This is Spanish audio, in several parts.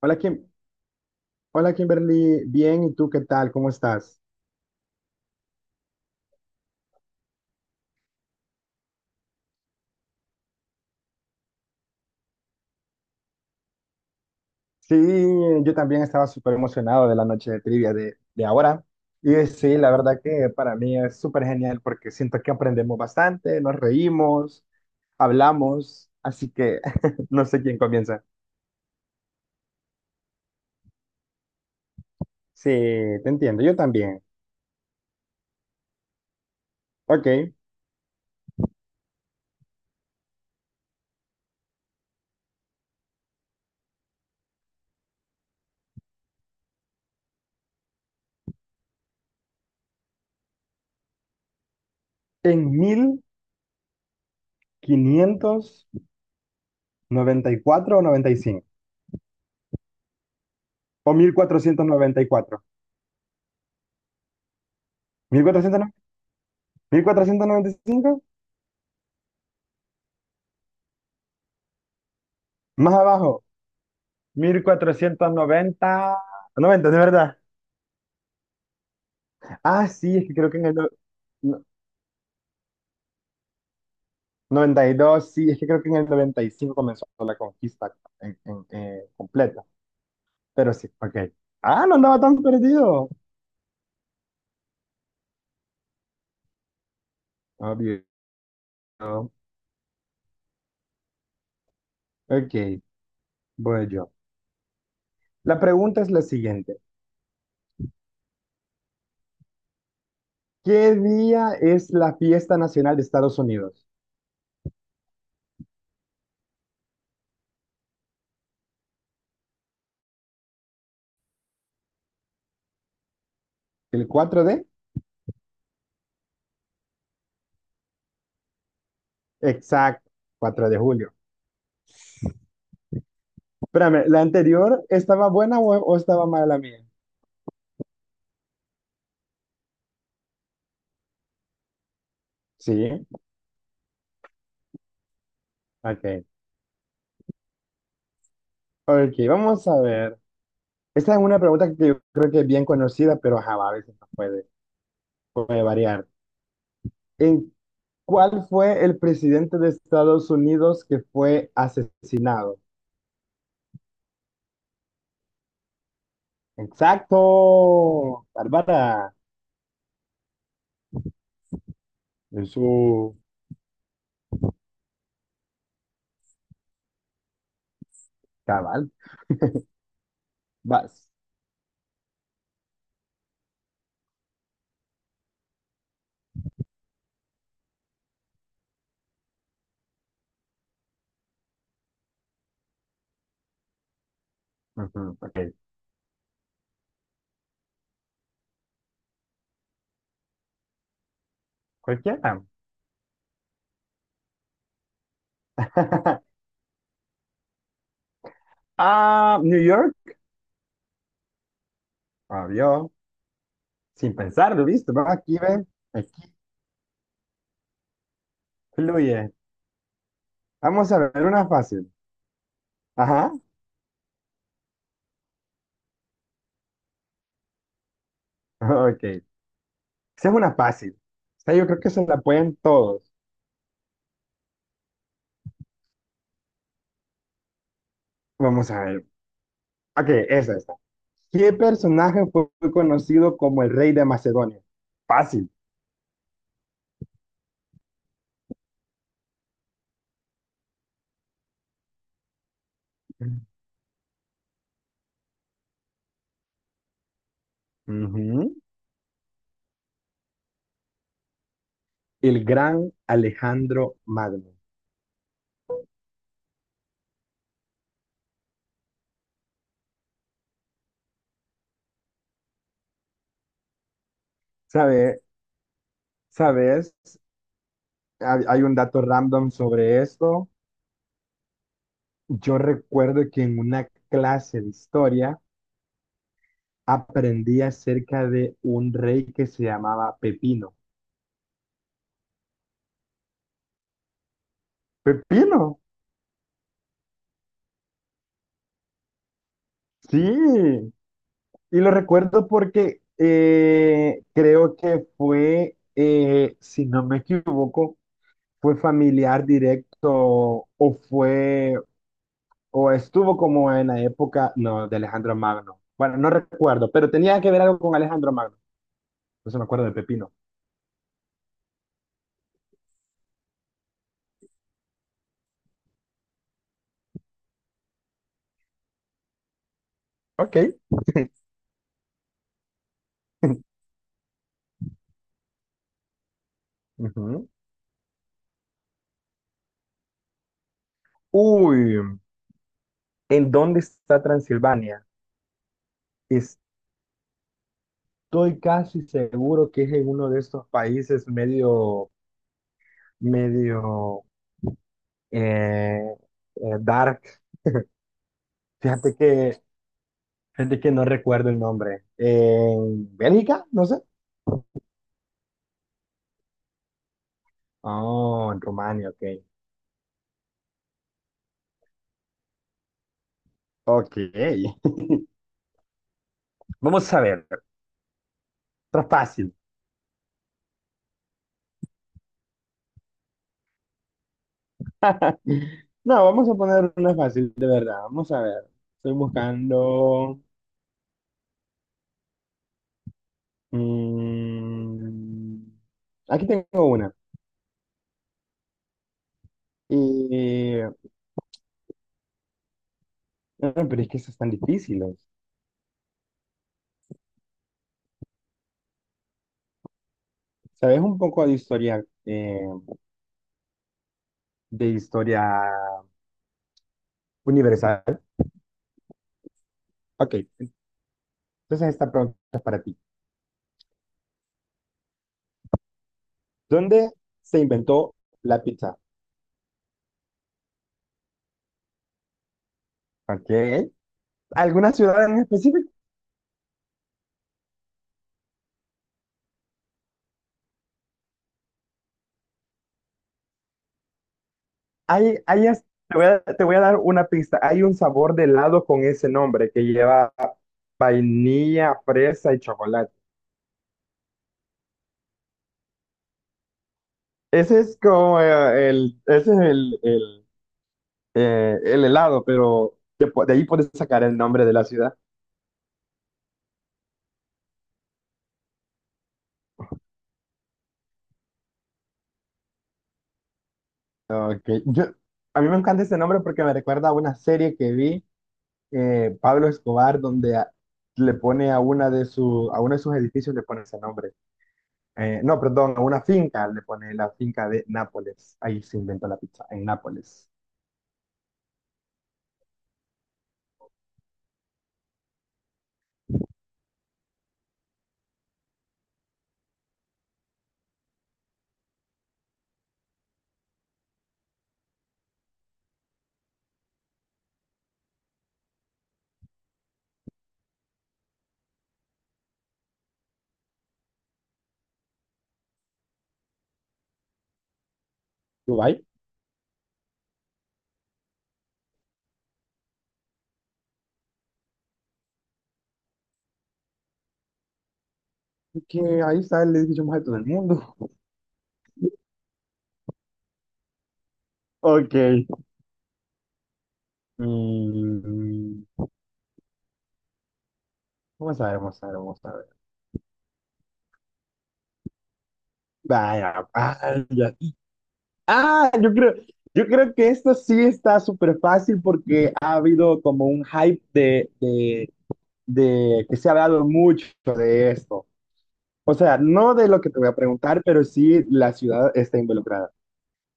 Hola, Kim- Hola, Kimberly, bien. ¿Y tú qué tal? ¿Cómo estás? Sí, yo también estaba súper emocionado de la noche de trivia de ahora. Y sí, la verdad que para mí es súper genial porque siento que aprendemos bastante, nos reímos, hablamos, así que no sé quién comienza. Sí, te entiendo, yo también. Ok, en 1594 o noventa y cinco, o mil cuatrocientos noventa y cuatro, 1495. Más abajo. Mil cuatrocientos noventa, 90 de verdad. Ah, sí, es que creo que en el no- 92 sí, es que creo que en el 95 comenzó la conquista completa. Pero sí, ok. Ah, no andaba tan perdido. Obvio. Ok, voy yo. La pregunta es la siguiente. ¿Qué día es la fiesta nacional de Estados Unidos? ¿El 4 de? Exacto, 4 de julio. Espérame, ¿la anterior estaba buena o estaba mala mía? Sí, ok. Ok, vamos a ver. Esta es una pregunta que yo creo que es bien conocida, pero ajá, a veces no puede variar. ¿En cuál fue el presidente de Estados Unidos que fue asesinado? Exacto, Bárbara. En su... Cabal, vas. Ujú, ok, cualquiera. Ah, New York, obvio. Sin pensarlo, viste. Vamos aquí, ven. Aquí fluye. Vamos a ver una fácil. Ajá, ok. Esa es una fácil. O sea, yo creo que se la pueden todos. Vamos a ver. Ok, esa está. ¿Qué personaje fue conocido como el rey de Macedonia? Fácil. Ujú. El gran Alejandro Magno. ¿Sabe, ¿Sabes? Hay un dato random sobre esto. Yo recuerdo que en una clase de historia aprendí acerca de un rey que se llamaba Pepino. ¿Pepino? Sí. Y lo recuerdo porque creo que fue, si no me equivoco, fue familiar directo o fue, o estuvo como en la época, no, de Alejandro Magno. Bueno, no recuerdo, pero tenía que ver algo con Alejandro Magno. No me acuerdo de Pepino. Ok. Ujú. Uy, ¿en dónde está Transilvania? Estoy casi seguro que es en uno de estos países medio, medio, eh, dark. Fíjate que, fíjate que no recuerdo el nombre. ¿En Bélgica? No sé. Oh, en Rumania, ok. Ok. Vamos a ver. Otra fácil. No, vamos a poner una fácil, de verdad. Vamos a ver. Estoy buscando. mm, aquí tengo una. Y, no, pero es que esas están difíciles. ¿Sabes un poco de historia universal? Ok. Entonces, esta pregunta es para ti. ¿Dónde se inventó la pizza? Ok. ¿Alguna ciudad en específico? Te voy a dar una pista. Hay un sabor de helado con ese nombre que lleva vainilla, fresa y chocolate. Ese es como el, ese es el helado, pero de ahí puedes sacar el nombre de la ciudad. Ok, yo, a mí me encanta ese nombre porque me recuerda a una serie que vi. Pablo Escobar, donde le pone a uno de sus edificios le pone ese nombre. No, perdón, a una finca le pone la finca de Nápoles. Ahí se inventó la pizza, en Nápoles. Dubái, que ahí está el edificio más alto del mundo. Ok. Mm, vamos a ver, vamos a ver, vamos a ver. Vaya, vaya. Ah, yo creo que esto sí está súper fácil porque ha habido como un hype de que se ha hablado mucho de esto. O sea, no de lo que te voy a preguntar, pero sí la ciudad está involucrada.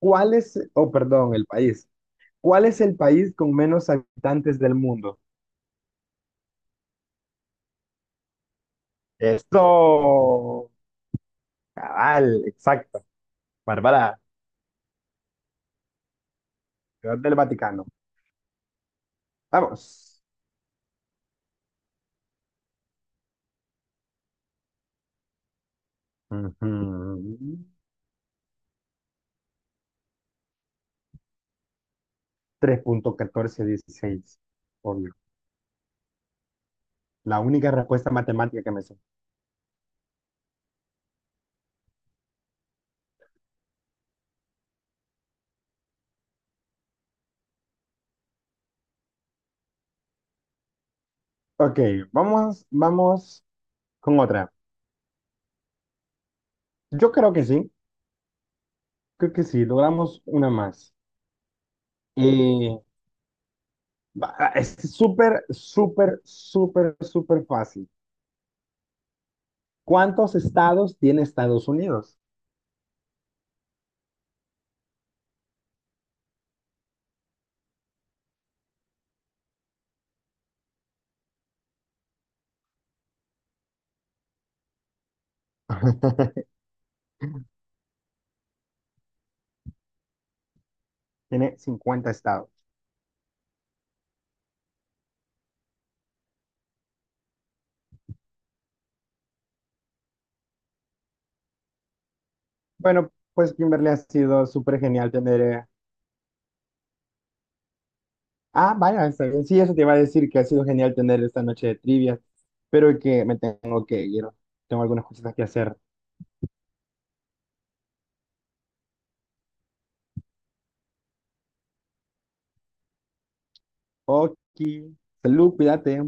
¿Cuál es, oh, perdón, el país? ¿Cuál es el país con menos habitantes del mundo? Esto, cabal, exacto. Bárbara, Ciudad del Vaticano. Vamos. Ujú. 3.1416, obvio. La única respuesta matemática que me sé. Ok, vamos, vamos con otra. Yo creo que sí, logramos una más. Eh, Va, es súper, súper, súper, súper fácil. ¿Cuántos estados tiene Estados Unidos? Tiene 50 estados. Bueno, pues Kimberly ha sido súper genial tener... Ah, vaya, está bien. Sí, eso te iba a decir que ha sido genial tener esta noche de trivia, pero que me tengo que ir. Tengo algunas cositas que hacer. Ok, salud, cuídate.